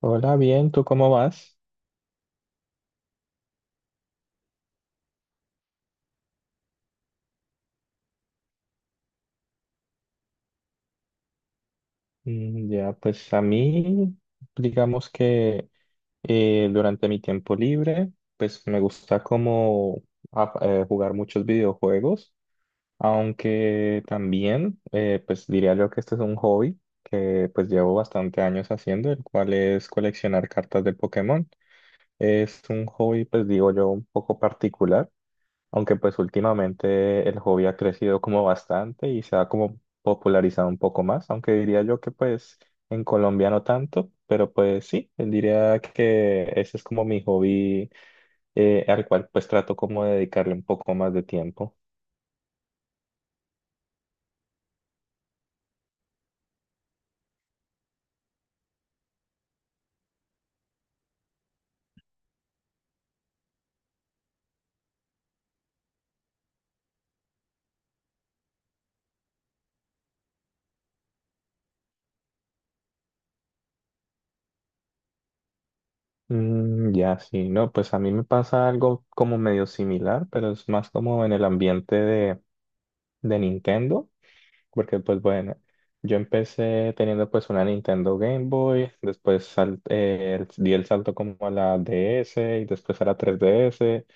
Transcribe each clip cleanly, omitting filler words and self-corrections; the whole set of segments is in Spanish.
Hola, bien, ¿tú cómo vas? Mm, ya, pues a mí, digamos que durante mi tiempo libre, pues me gusta como jugar muchos videojuegos, aunque también, pues diría yo que este es un hobby que pues llevo bastante años haciendo, el cual es coleccionar cartas de Pokémon. Es un hobby, pues digo yo, un poco particular. Aunque pues últimamente el hobby ha crecido como bastante y se ha como popularizado un poco más, aunque diría yo que pues en Colombia no tanto, pero pues sí, diría que ese es como mi hobby, al cual pues trato como de dedicarle un poco más de tiempo. Mm, ya, sí, no, pues a mí me pasa algo como medio similar, pero es más como en el ambiente de Nintendo. Porque pues bueno, yo empecé teniendo pues una Nintendo Game Boy, después di el salto como a la DS y después a la 3DS,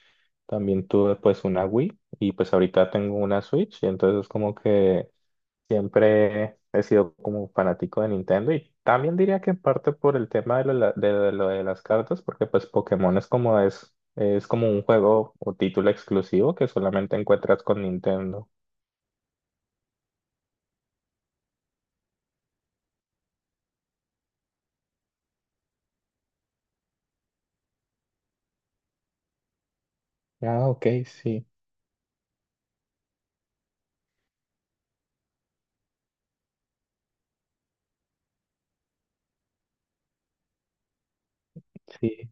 también tuve pues una Wii y pues ahorita tengo una Switch, y entonces como que siempre he sido como fanático de Nintendo y también diría que en parte por el tema de lo de las cartas, porque pues Pokémon es como un juego o título exclusivo que solamente encuentras con Nintendo. Ah, ok, sí. Sí,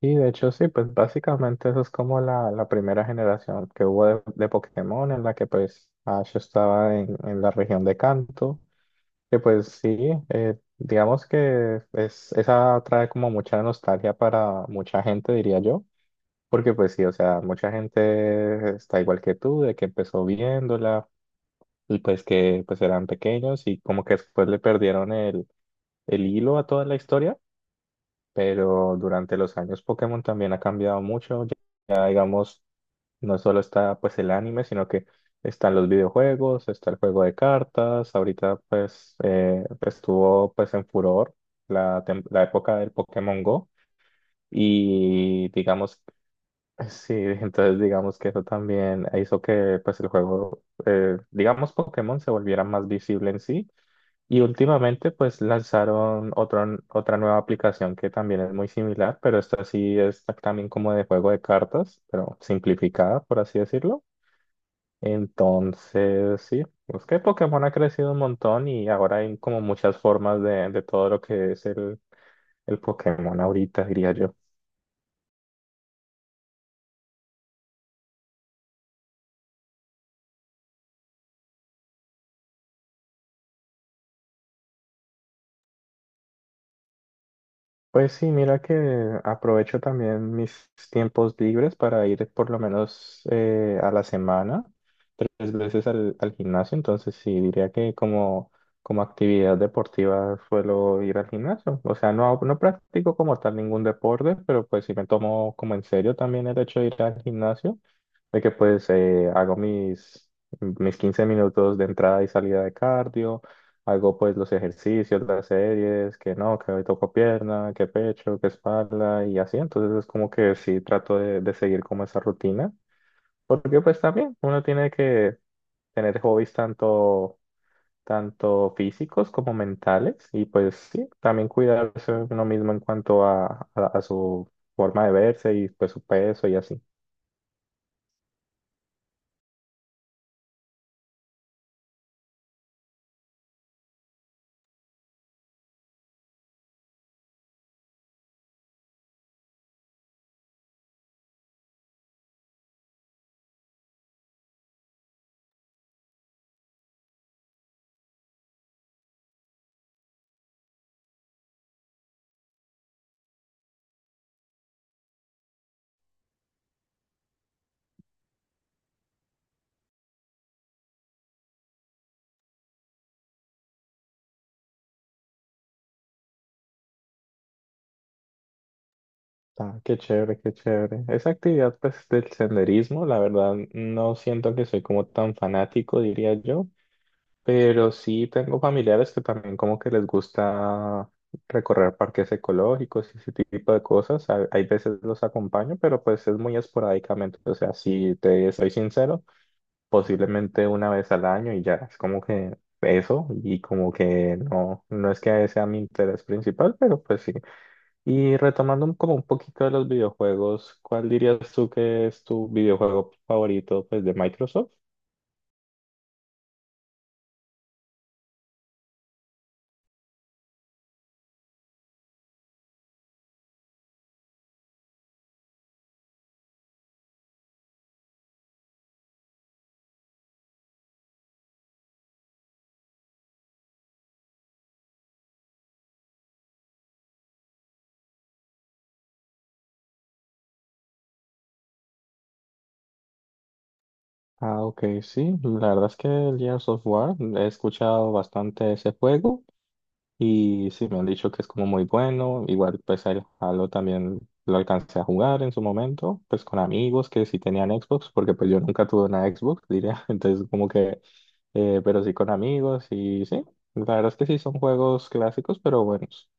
y de hecho sí, pues básicamente eso es como la primera generación que hubo de Pokémon, en la que pues Ash estaba en la región de Kanto, que pues sí, digamos que esa trae como mucha nostalgia para mucha gente, diría yo, porque pues sí, o sea, mucha gente está igual que tú, de que empezó viéndola y pues que pues eran pequeños y como que después le perdieron el hilo a toda la historia. Pero durante los años Pokémon también ha cambiado mucho. Ya, ya, digamos, no solo está pues el anime, sino que están los videojuegos, está el juego de cartas. Ahorita pues estuvo pues en furor la época del Pokémon Go y digamos, sí, entonces digamos que eso también hizo que pues el juego, digamos Pokémon, se volviera más visible en sí, y últimamente pues lanzaron otra nueva aplicación que también es muy similar, pero esta sí es también como de juego de cartas, pero simplificada, por así decirlo. Entonces, sí, pues que Pokémon ha crecido un montón y ahora hay como muchas formas de todo lo que es el Pokémon ahorita, diría yo. Pues sí, mira que aprovecho también mis tiempos libres para ir por lo menos, a la semana, tres veces al gimnasio, entonces sí, diría que como actividad deportiva suelo ir al gimnasio. O sea, no, no practico como tal ningún deporte, pero pues sí me tomo como en serio también el hecho de ir al gimnasio, de que pues hago mis 15 minutos de entrada y salida de cardio. Hago pues los ejercicios, las series, que no, que hoy toco pierna, que pecho, que espalda y así. Entonces es como que sí trato de seguir como esa rutina. Porque pues también uno tiene que tener hobbies tanto, físicos como mentales, y pues sí, también cuidarse uno mismo en cuanto a su forma de verse y pues su peso y así. Ah, qué chévere, qué chévere. Esa actividad pues del senderismo, la verdad no siento que soy como tan fanático, diría yo. Pero sí tengo familiares que también como que les gusta recorrer parques ecológicos y ese tipo de cosas. Hay veces los acompaño, pero pues es muy esporádicamente. O sea, si te soy sincero, posiblemente una vez al año, y ya es como que eso, y como que no, no es que sea mi interés principal, pero pues sí. Y retomando como un poquito de los videojuegos, ¿cuál dirías tú que es tu videojuego favorito, pues, de Microsoft? Ah, ok, sí, la verdad es que el Gears of War, he escuchado bastante ese juego, y sí, me han dicho que es como muy bueno. Igual, pues, el Halo también lo alcancé a jugar en su momento, pues con amigos que sí tenían Xbox, porque pues yo nunca tuve una Xbox, diría, entonces como que, pero sí, con amigos, y sí, la verdad es que sí son juegos clásicos, pero buenos.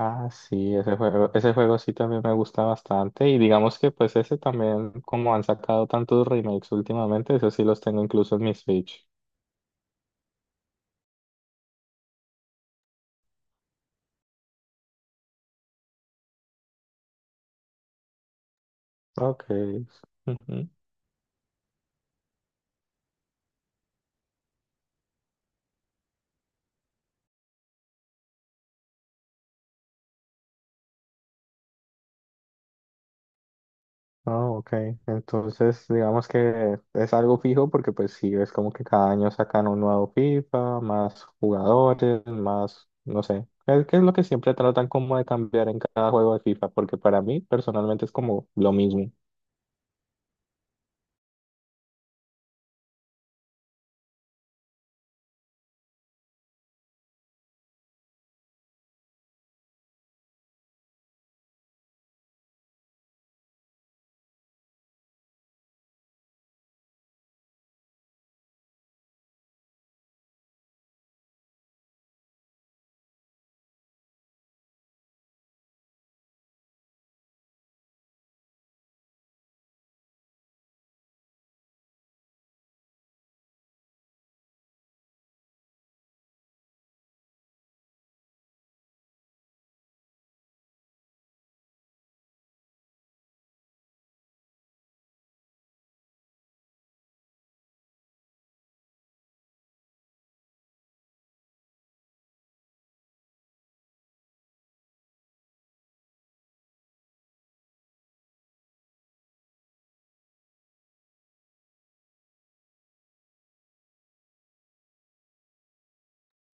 Ah, sí, ese juego sí también me gusta bastante, y digamos que pues ese también, como han sacado tantos remakes últimamente, esos sí los tengo incluso en mi Switch. Ok. Ujú. Oh, ok. Entonces, digamos que es algo fijo, porque pues sí, es como que cada año sacan un nuevo FIFA, más jugadores, más, no sé. Es que es lo que siempre tratan como de cambiar en cada juego de FIFA, porque para mí personalmente es como lo mismo.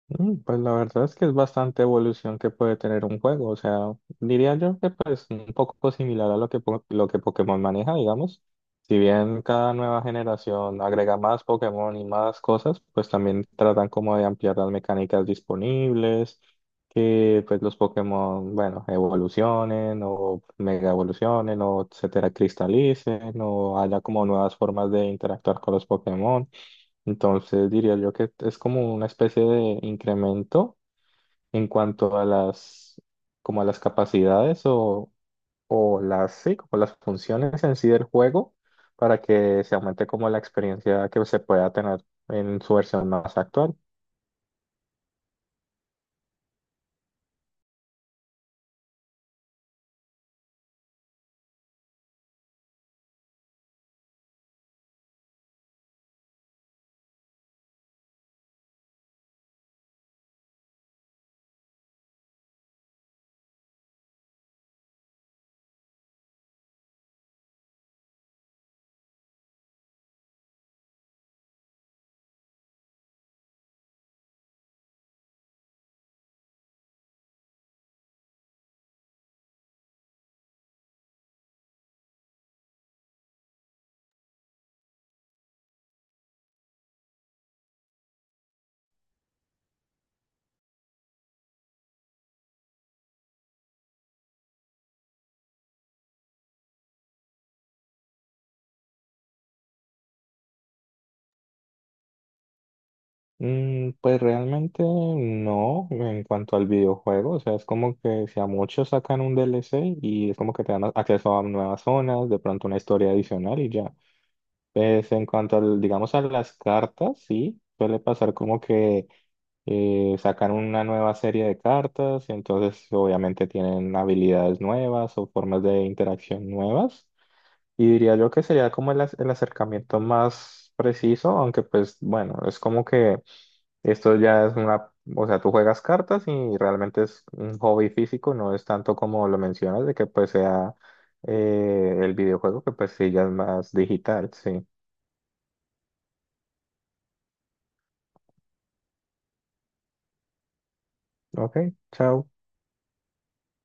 Pues la verdad es que es bastante evolución que puede tener un juego, o sea, diría yo que pues un poco similar a lo que, lo que Pokémon maneja, digamos. Si bien cada nueva generación agrega más Pokémon y más cosas, pues también tratan como de ampliar las mecánicas disponibles, que pues los Pokémon, bueno, evolucionen o mega evolucionen o etcétera, cristalicen, o haya como nuevas formas de interactuar con los Pokémon. Entonces diría yo que es como una especie de incremento en cuanto a las, como a las capacidades, o las, sí, como las funciones en sí del juego, para que se aumente como la experiencia que se pueda tener en su versión más actual. Pues realmente no en cuanto al videojuego, o sea, es como que si a muchos sacan un DLC y es como que te dan acceso a nuevas zonas, de pronto una historia adicional, y ya. Pues en cuanto al, digamos, a las cartas, sí, suele pasar como que sacan una nueva serie de cartas y entonces obviamente tienen habilidades nuevas o formas de interacción nuevas. Y diría yo que sería como el acercamiento más preciso, aunque pues bueno, es como que esto ya es una, o sea, tú juegas cartas y realmente es un hobby físico, no es tanto como lo mencionas de que pues sea, el videojuego, que pues sí, ya es más digital, sí. Ok, chao.